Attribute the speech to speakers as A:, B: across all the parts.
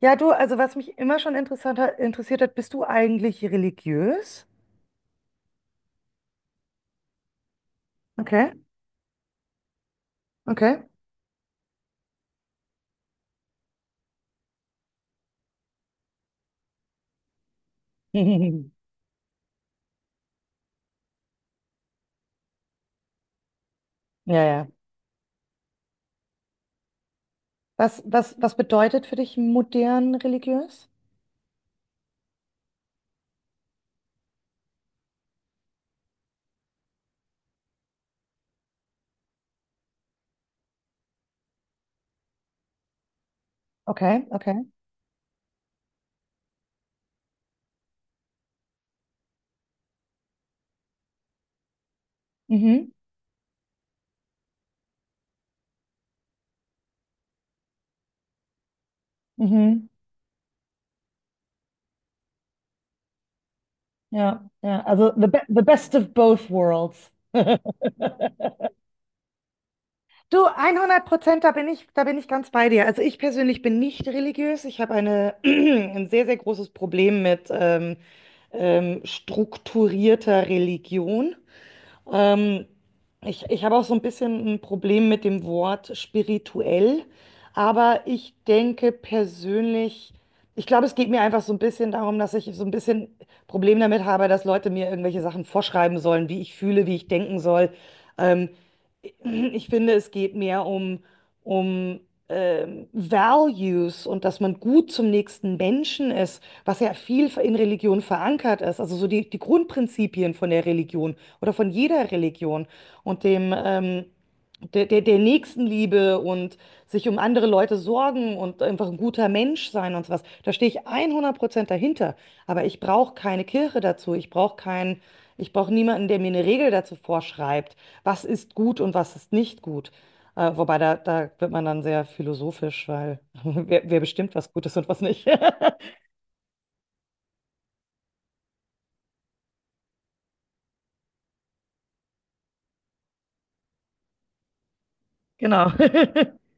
A: Ja, du, also was mich immer schon interessiert hat, bist du eigentlich religiös? Okay, okay. Ja, ja. Was bedeutet für dich modern religiös? Okay, okay. Mhm, mhm. Ja, ja. Also the, be the best of both worlds. Du, 100%, da bin ich ganz bei dir. Also ich persönlich bin nicht religiös. Ich habe eine, ein sehr, sehr großes Problem mit strukturierter Religion. Ähm, ich habe auch so ein bisschen ein Problem mit dem Wort spirituell, aber ich denke persönlich, ich glaube, es geht mir einfach so ein bisschen darum, dass ich so ein bisschen Problem damit habe, dass Leute mir irgendwelche Sachen vorschreiben sollen, wie ich fühle, wie ich denken soll. Ähm, ich finde, es geht mehr um, um Values und dass man gut zum nächsten Menschen ist, was ja viel in Religion verankert ist, also so die Grundprinzipien von der Religion oder von jeder Religion und dem der Nächstenliebe und sich um andere Leute sorgen und einfach ein guter Mensch sein und sowas. Da stehe ich 100% dahinter. Aber ich brauche keine Kirche dazu. Ich brauche keinen, ich brauche niemanden, der mir eine Regel dazu vorschreibt, was ist gut und was ist nicht gut. Wobei da wird man dann sehr philosophisch, weil wer bestimmt, was gut ist und was nicht. Genau.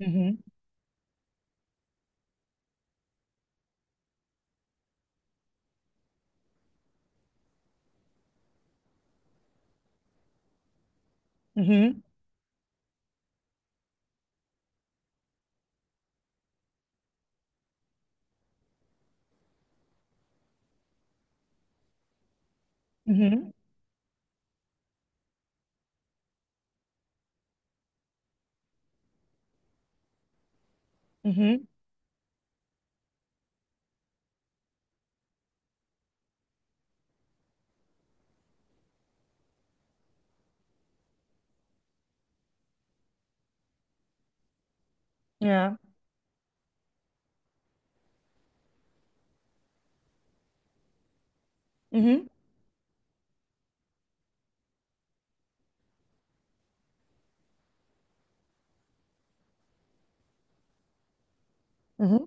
A: Mhm. Mhm. Mhm. Mhm. Ja. Mhm. Mhm.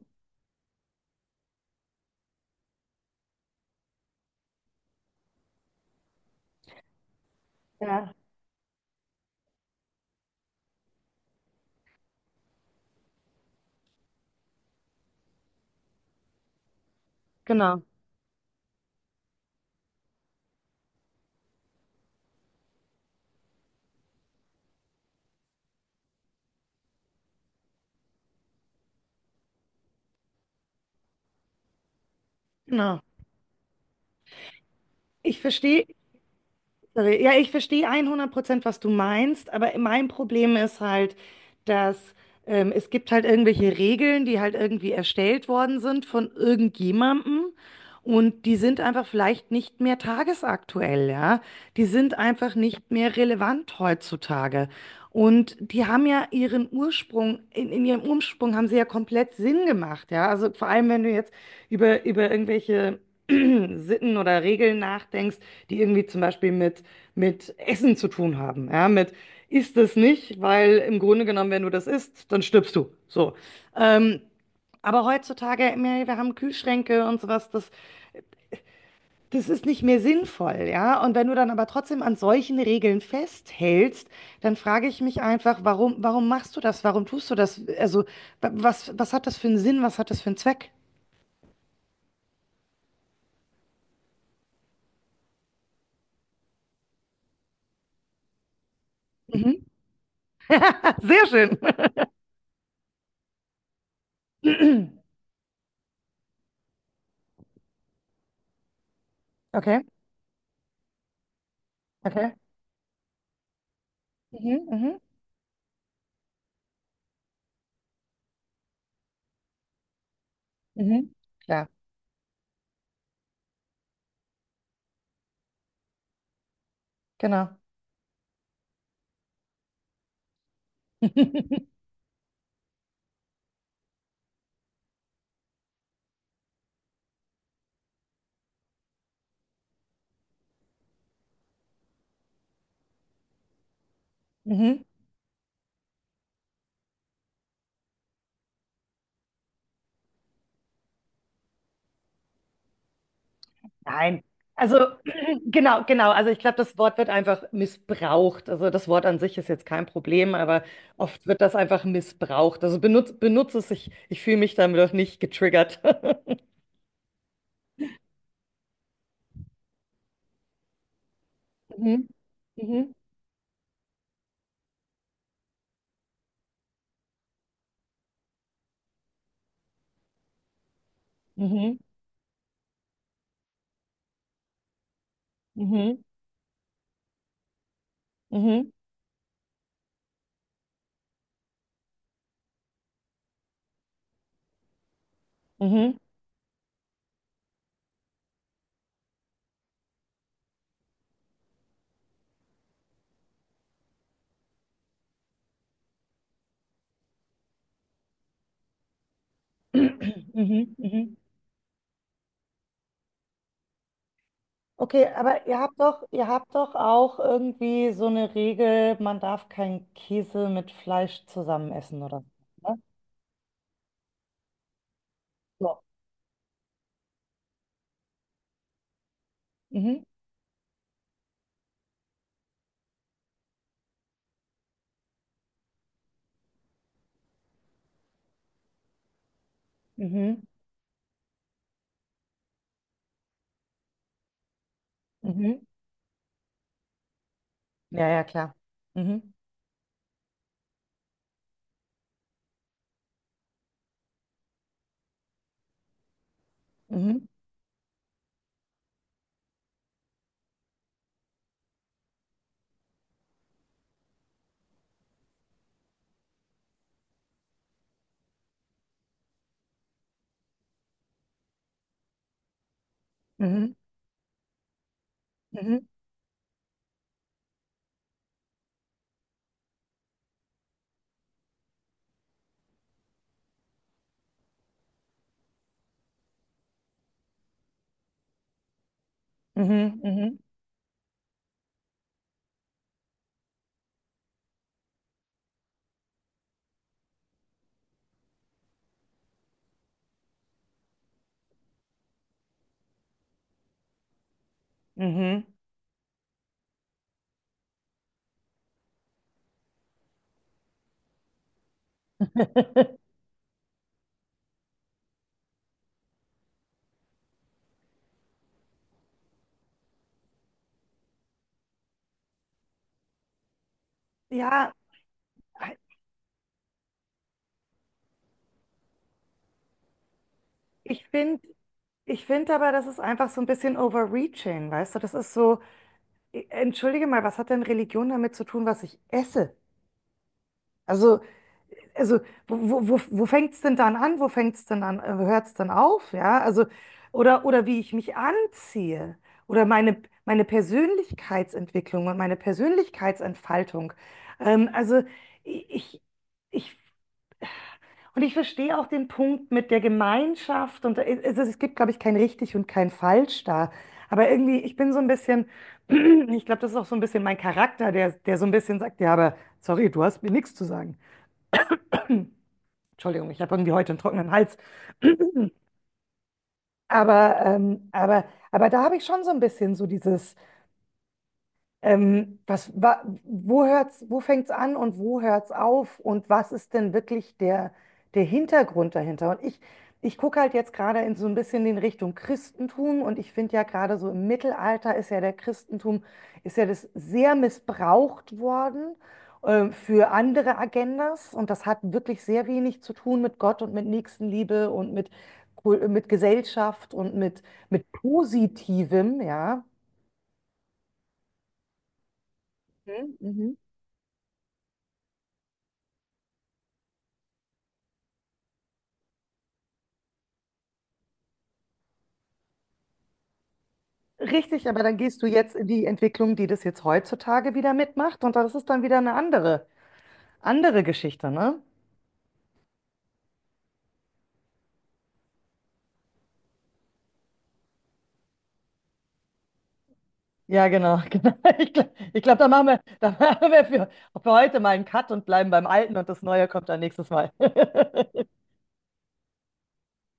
A: Ja, genau. Genau. Ich verstehe. Sorry. Ja, ich verstehe 100%, was du meinst, aber mein Problem ist halt, dass es gibt halt irgendwelche Regeln, die halt irgendwie erstellt worden sind von irgendjemandem und die sind einfach vielleicht nicht mehr tagesaktuell, ja. Die sind einfach nicht mehr relevant heutzutage. Und die haben ja ihren Ursprung, in ihrem Ursprung haben sie ja komplett Sinn gemacht, ja. Also vor allem, wenn du jetzt über irgendwelche Sitten oder Regeln nachdenkst, die irgendwie zum Beispiel mit Essen zu tun haben. Ja, mit isst es nicht, weil im Grunde genommen, wenn du das isst, dann stirbst du. So. Ähm, aber heutzutage, ey, wir haben Kühlschränke und sowas, das, das ist nicht mehr sinnvoll, ja. Und wenn du dann aber trotzdem an solchen Regeln festhältst, dann frage ich mich einfach, warum, warum machst du das? Warum tust du das? Also, was hat das für einen Sinn? Was hat das für einen Zweck? Mhm. Ah, sehr schön. Okay, okay. Mhm, mhm, mhm. Klar, genau. Mhm. Nein. Also genau, genau. Also ich glaube, das Wort wird einfach missbraucht. Also das Wort an sich ist jetzt kein Problem, aber oft wird das einfach missbraucht. Also benutz es, ich fühle mich damit auch nicht getriggert. Mhm. Mhm. Mhm. Mhm. Mhm. Mhm. Mhm. Mhm. Mhm. Okay, aber ihr habt doch auch irgendwie so eine Regel, man darf keinen Käse mit Fleisch zusammen essen oder so. Ne? So. Mhm. Mhm. Mhm. Ja, ja, klar. Mhm. Mhm. Mhm. Mhm. Mhm. Mhm. Mhm. Ja, ich finde, ich finde aber, das ist einfach so ein bisschen overreaching, weißt du? Das ist so, entschuldige mal, was hat denn Religion damit zu tun, was ich esse? Also, also wo fängt es denn dann an? Wo fängt es denn an? Hört es dann auf? Ja, also, oder wie ich mich anziehe oder meine Persönlichkeitsentwicklung und meine Persönlichkeitsentfaltung. Also, ich, ich, und ich verstehe auch den Punkt mit der Gemeinschaft und es gibt, glaube ich, kein richtig und kein falsch da. Aber irgendwie, ich bin so ein bisschen, ich glaube, das ist auch so ein bisschen mein Charakter, der so ein bisschen sagt, ja, aber sorry, du hast mir nichts zu sagen. Entschuldigung, ich habe irgendwie heute einen trockenen Hals. Aber, aber da habe ich schon so ein bisschen so dieses. Wo hört's, wo fängt's an und wo hört's auf? Und was ist denn wirklich der Hintergrund dahinter? Und ich gucke halt jetzt gerade in so ein bisschen in Richtung Christentum und ich finde ja gerade so im Mittelalter ist ja der Christentum, ist ja das sehr missbraucht worden, für andere Agendas und das hat wirklich sehr wenig zu tun mit Gott und mit Nächstenliebe und mit, Kul- mit Gesellschaft und mit Positivem, ja. Mhm. Richtig, aber dann gehst du jetzt in die Entwicklung, die das jetzt heutzutage wieder mitmacht und das ist dann wieder eine andere, andere Geschichte, ne? Ja, genau, genau. Ich glaube, ich glaub, da machen wir, da machen wir für heute mal einen Cut und bleiben beim Alten und das Neue kommt dann nächstes Mal.